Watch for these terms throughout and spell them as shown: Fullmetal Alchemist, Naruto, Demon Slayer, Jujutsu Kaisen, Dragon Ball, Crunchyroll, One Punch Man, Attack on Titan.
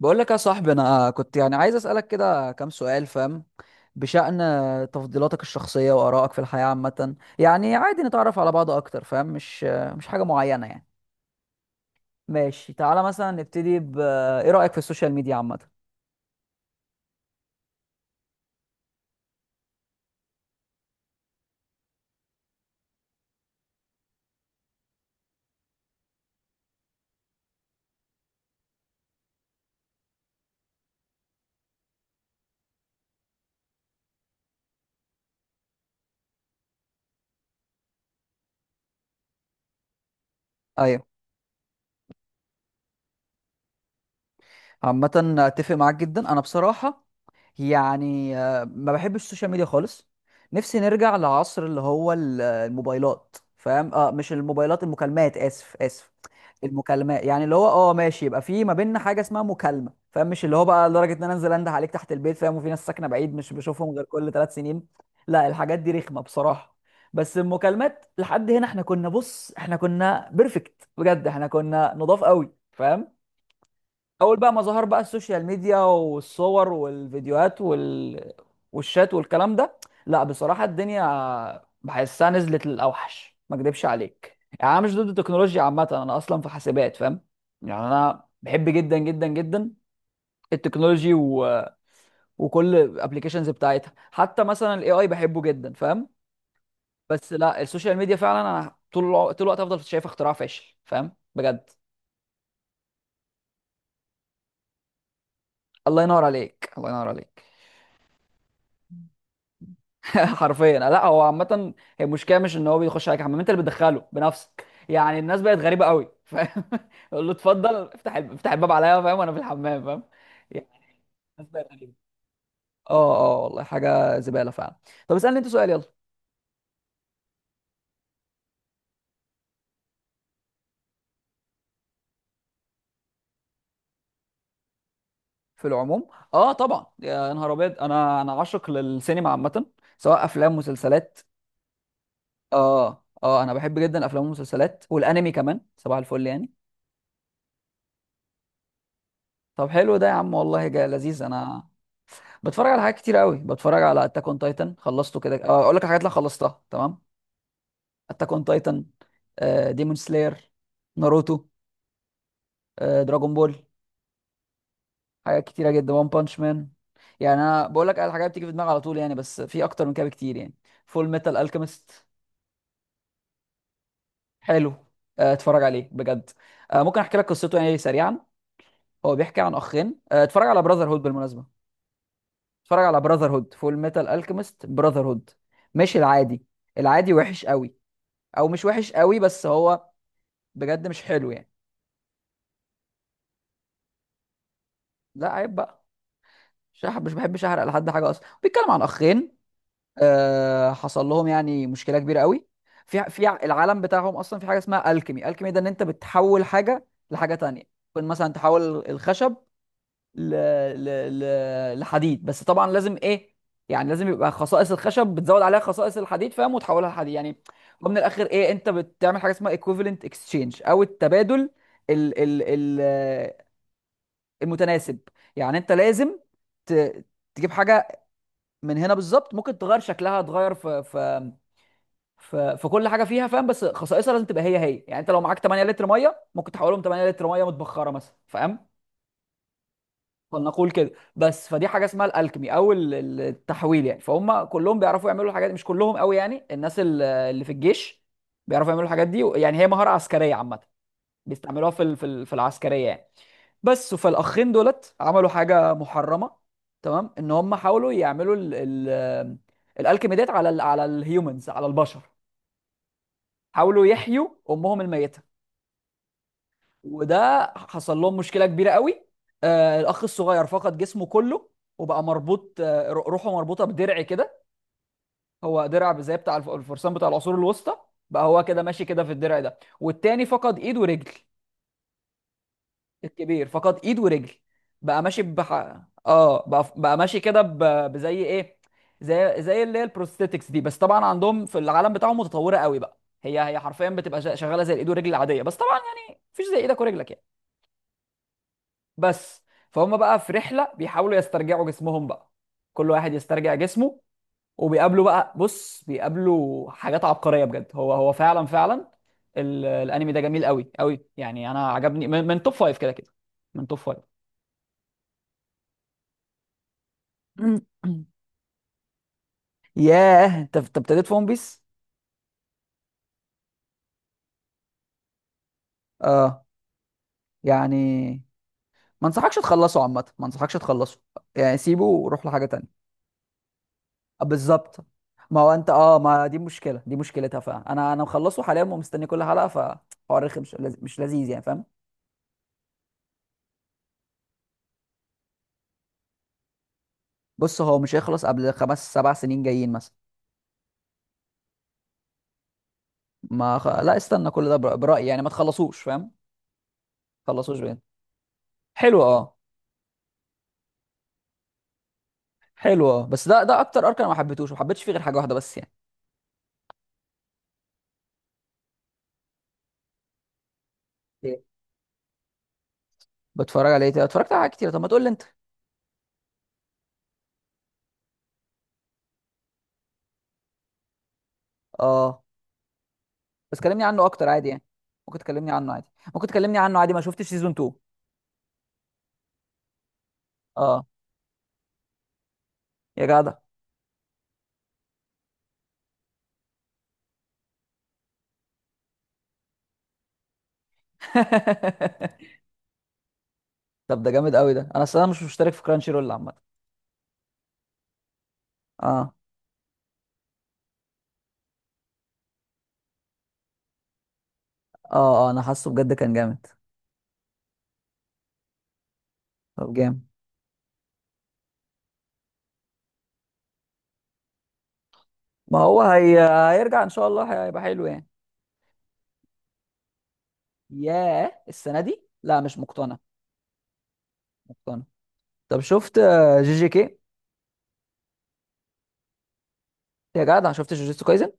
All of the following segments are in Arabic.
بقول لك يا صاحبي، انا كنت يعني عايز اسالك كده كام سؤال فاهم، بشأن تفضيلاتك الشخصيه وارائك في الحياه عامه. يعني عادي نتعرف على بعض اكتر فاهم، مش حاجه معينه يعني. ماشي تعالى مثلا نبتدي ب ايه رايك في السوشيال ميديا عامه؟ ايوه عامه، اتفق معاك جدا انا بصراحه. يعني ما بحبش السوشيال ميديا خالص. نفسي نرجع لعصر اللي هو الموبايلات فاهم، مش الموبايلات، المكالمات، اسف اسف. المكالمات يعني اللي هو ماشي، يبقى في ما بيننا حاجه اسمها مكالمه فاهم، مش اللي هو بقى لدرجه ان انا انزل انده عليك تحت البيت فاهم، وفي ناس ساكنه بعيد مش بشوفهم غير كل ثلاث سنين. لا، الحاجات دي رخمه بصراحه. بس المكالمات لحد هنا احنا كنا، بص احنا كنا بيرفكت بجد، احنا كنا نضاف قوي فاهم. اول بقى ما ظهر بقى السوشيال ميديا والصور والفيديوهات والشات والكلام ده، لا بصراحة الدنيا بحسها نزلت للأوحش. ما اكدبش عليك، يعني انا مش ضد التكنولوجيا عامة، انا اصلا في حاسبات فاهم. يعني انا بحب جدا جدا جدا التكنولوجي و... وكل الابلكيشنز بتاعتها، حتى مثلا الاي اي بحبه جدا فاهم. بس لا السوشيال ميديا فعلا انا طول الوقت افضل شايف اختراع فاشل فاهم بجد. الله ينور عليك، الله ينور عليك. حرفيا، لا هو عامة هي المشكلة مش ان هو بيخش عليك حمام، انت اللي بتدخله بنفسك. يعني الناس بقت غريبة قوي فاهم. يقول له اتفضل افتح الباب عليا فاهم، وانا في الحمام فاهم. يعني الناس بقت غريبة. اه اه والله، حاجة زبالة فعلا. طب اسألني انت سؤال يلا. في العموم، اه طبعا، يا نهار ابيض، انا عاشق للسينما عامة، سواء افلام مسلسلات. اه اه انا بحب جدا الافلام والمسلسلات والانمي كمان، صباح الفل يعني. طب حلو ده يا عم، والله جا لذيذ. انا بتفرج على حاجات كتير قوي. بتفرج على اتاك اون تايتن، خلصته كده. اقول لك الحاجات اللي خلصتها تمام: اتاك اون تايتن، ديمون سلاير، ناروتو، دراجون بول، حاجات كتيره جدا، وان بانش مان. يعني انا بقول لك الحاجات بتيجي في دماغي على طول يعني، بس في اكتر من كده بكتير يعني. فول ميتال الكيميست، حلو، اتفرج عليه بجد. ممكن احكي لك قصته يعني سريعا. هو بيحكي عن اخين، اتفرج على براذر هود بالمناسبه، اتفرج على براذر هود فول ميتال الكيميست براذر هود، مش العادي. العادي وحش قوي، او مش وحش قوي بس هو بجد مش حلو يعني. لا عيب بقى، مش بحبش احرق لحد حاجه اصلا. بيتكلم عن اخين، حصل لهم يعني مشكله كبيره قوي. في العالم بتاعهم اصلا في حاجه اسمها الكيمي. الكيمي ده ان انت بتحول حاجه لحاجه تانية، ممكن مثلا تحول الخشب ل... ل... لحديد، بس طبعا لازم ايه، يعني لازم يبقى خصائص الخشب بتزود عليها خصائص الحديد فاهم، وتحولها لحديد يعني. ومن الاخر ايه، انت بتعمل حاجه اسمها equivalent exchange، او التبادل ال ال ال المتناسب. يعني انت لازم ت... تجيب حاجه من هنا بالظبط، ممكن تغير شكلها، تغير في كل حاجه فيها فاهم، بس خصائصها لازم تبقى هي هي. يعني انت لو معاك 8 لتر ميه ممكن تحولهم 8 لتر ميه متبخره مثلا فاهم. فلنقول كده، بس فدي حاجه اسمها الالكمي، او التحويل يعني. فهم كلهم بيعرفوا يعملوا الحاجات دي، مش كلهم قوي يعني، الناس اللي في الجيش بيعرفوا يعملوا الحاجات دي. يعني هي مهاره عسكريه عامه، بيستعملوها في العسكريه يعني. بس فالاخين دولت عملوا حاجه محرمه تمام، ان هم حاولوا يعملوا ال ال الالكيميدات على الهيومنز، على البشر. حاولوا يحيوا امهم الميته، وده حصل لهم مشكله كبيره قوي. الاخ الصغير فقد جسمه كله، وبقى مربوط، روحه مربوطه بدرع كده. هو درع زي بتاع الفرسان بتاع العصور الوسطى. بقى هو كده ماشي كده في الدرع ده، والتاني فقد ايد ورجل. الكبير فقد ايد ورجل، بقى ماشي بقى ماشي كده بزي ايه، زي اللي هي البروستيتكس دي. بس طبعا عندهم في العالم بتاعهم متطوره قوي بقى، هي هي حرفيا بتبقى شغاله زي الايد والرجل العاديه، بس طبعا يعني مفيش زي ايدك ورجلك يعني. بس فهم بقى في رحله بيحاولوا يسترجعوا جسمهم بقى، كل واحد يسترجع جسمه، وبيقابلوا بقى بص بيقابلوا حاجات عبقريه بجد. هو هو فعلا فعلا الانمي ده جميل قوي قوي يعني، انا عجبني من توب فايف كده كده، من توب فايف. ياه، انت ابتديت في ون بيس. اه يعني ما انصحكش تخلصه عامه، ما انصحكش تخلصه يعني، سيبه وروح لحاجه تانية. آه، بالظبط. ما هو انت ما دي مشكله، دي مشكلتها فعلا، انا مخلصه حاليا ومستني كل حلقه، فحوار رخم، مش لذيذ يعني فاهم. بص، هو مش هيخلص قبل خمس سبع سنين جايين مثلا. ما خ... لا استنى كل ده برايي يعني، ما تخلصوش فاهم، ما تخلصوش بجد. حلو، اه. حلو، اه، بس ده اكتر ارك انا ما حبيتهوش، ما حبيتش فيه غير حاجه واحده بس يعني. بتفرج على ايه تاني؟ اتفرجت على حاجات كتير، طب ما تقول لي انت. اه بس كلمني عنه اكتر عادي يعني، ممكن تكلمني عنه عادي، ممكن تكلمني عنه عادي، ما شفتش سيزون 2. اه يا جدع. طب ده جامد قوي ده، انا اصل انا مش مشترك في كرانشي رول عامه. اه اه اه انا حاسه بجد كان جامد. طب جامد، ما هو هيرجع ان شاء الله، هيبقى حلو يعني. ياه السنه دي، لا مش مقتنع، مقتنع. طب شفت، جي جي كي؟ يا جدع شفت جوجيتسو كايزن؟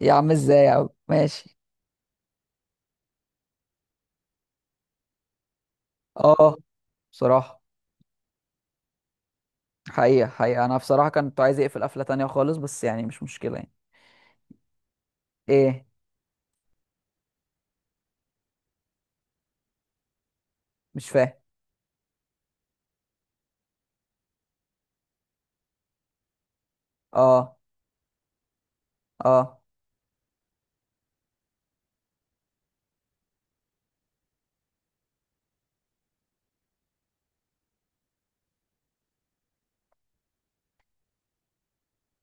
يا عم، ازاي يا عم، ماشي. اه بصراحه. حقيقة حقيقة أنا بصراحة كنت عايز أقفل قفلة تانية خالص، بس يعني مش مشكلة يعني. إيه مش فاهم. أه أه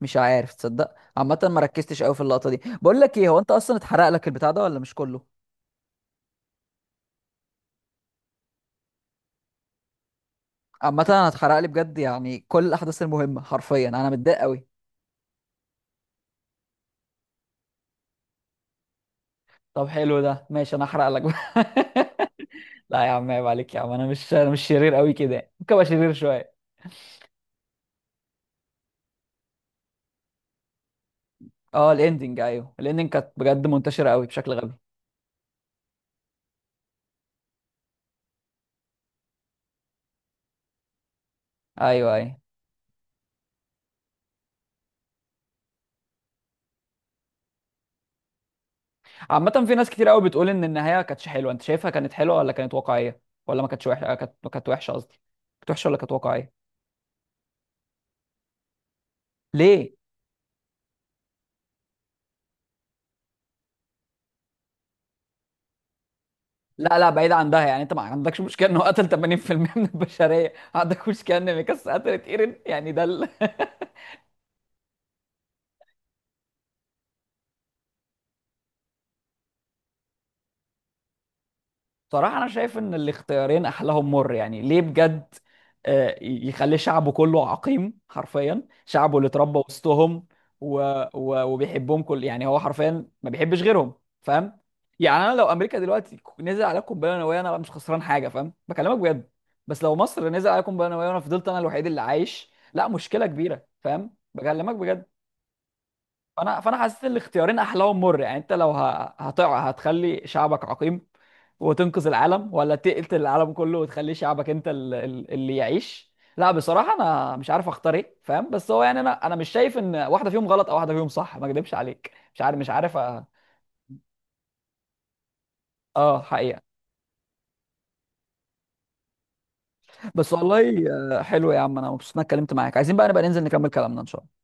مش عارف تصدق، عامة ما ركزتش أوي في اللقطة دي. بقول لك إيه، هو أنت أصلا اتحرق لك البتاع ده ولا مش كله؟ عامة أنا اتحرق لي بجد يعني، كل الأحداث المهمة حرفيا، أنا متضايق أوي. طب حلو ده، ماشي أنا هحرق لك بقى. لا يا عم، عيب عليك يا عم، أنا مش شرير أوي كده يعني. ممكن أبقى شرير شوية. أه الإندنج، أيوه الإندنج كانت بجد منتشرة أوي بشكل غبي. أيوه أيوه. عامة في ناس كتير قوي بتقول ان النهاية كانتش حلوة، انت شايفها كانت حلوة ولا كانت واقعية، ولا ما كانتش وحشة؟ كانت وحشة قصدي، كانت وحشة ولا كانت واقعية؟ ليه؟ لا لا، بعيد عن ده يعني، انت ما عندكش مشكلة انه قتل 80% من البشرية، عندك مشكلة ان ميكاس قتلت ايرين، يعني ده صراحة أنا شايف إن الاختيارين أحلاهم مر يعني، ليه بجد، يخلي شعبه كله عقيم، حرفيا شعبه اللي اتربى وسطهم، و... و... وبيحبهم كل، يعني هو حرفيا ما بيحبش غيرهم فاهم. يعني أنا لو أمريكا دلوقتي نزل عليها قنبلة نووية أنا مش خسران حاجة فاهم، بكلمك بجد. بس لو مصر نزل عليها قنبلة نووية وأنا فضلت أنا الوحيد اللي عايش، لا مشكلة كبيرة فاهم، بكلمك بجد. فانا حسيت ان الاختيارين احلاهم مر. يعني انت لو هتقع هتخلي شعبك عقيم وتنقذ العالم، ولا تقتل العالم كله وتخلي شعبك انت اللي يعيش؟ لا بصراحه انا مش عارف اختار ايه فاهم. بس هو يعني انا مش شايف ان واحده فيهم غلط او واحده فيهم صح، ما اكدبش عليك، مش عارف، مش عارف. اه حقيقه. بس والله، حلو يا عم، انا مبسوط اني اتكلمت معاك. عايزين بقى نبقى ننزل نكمل كلامنا ان شاء الله.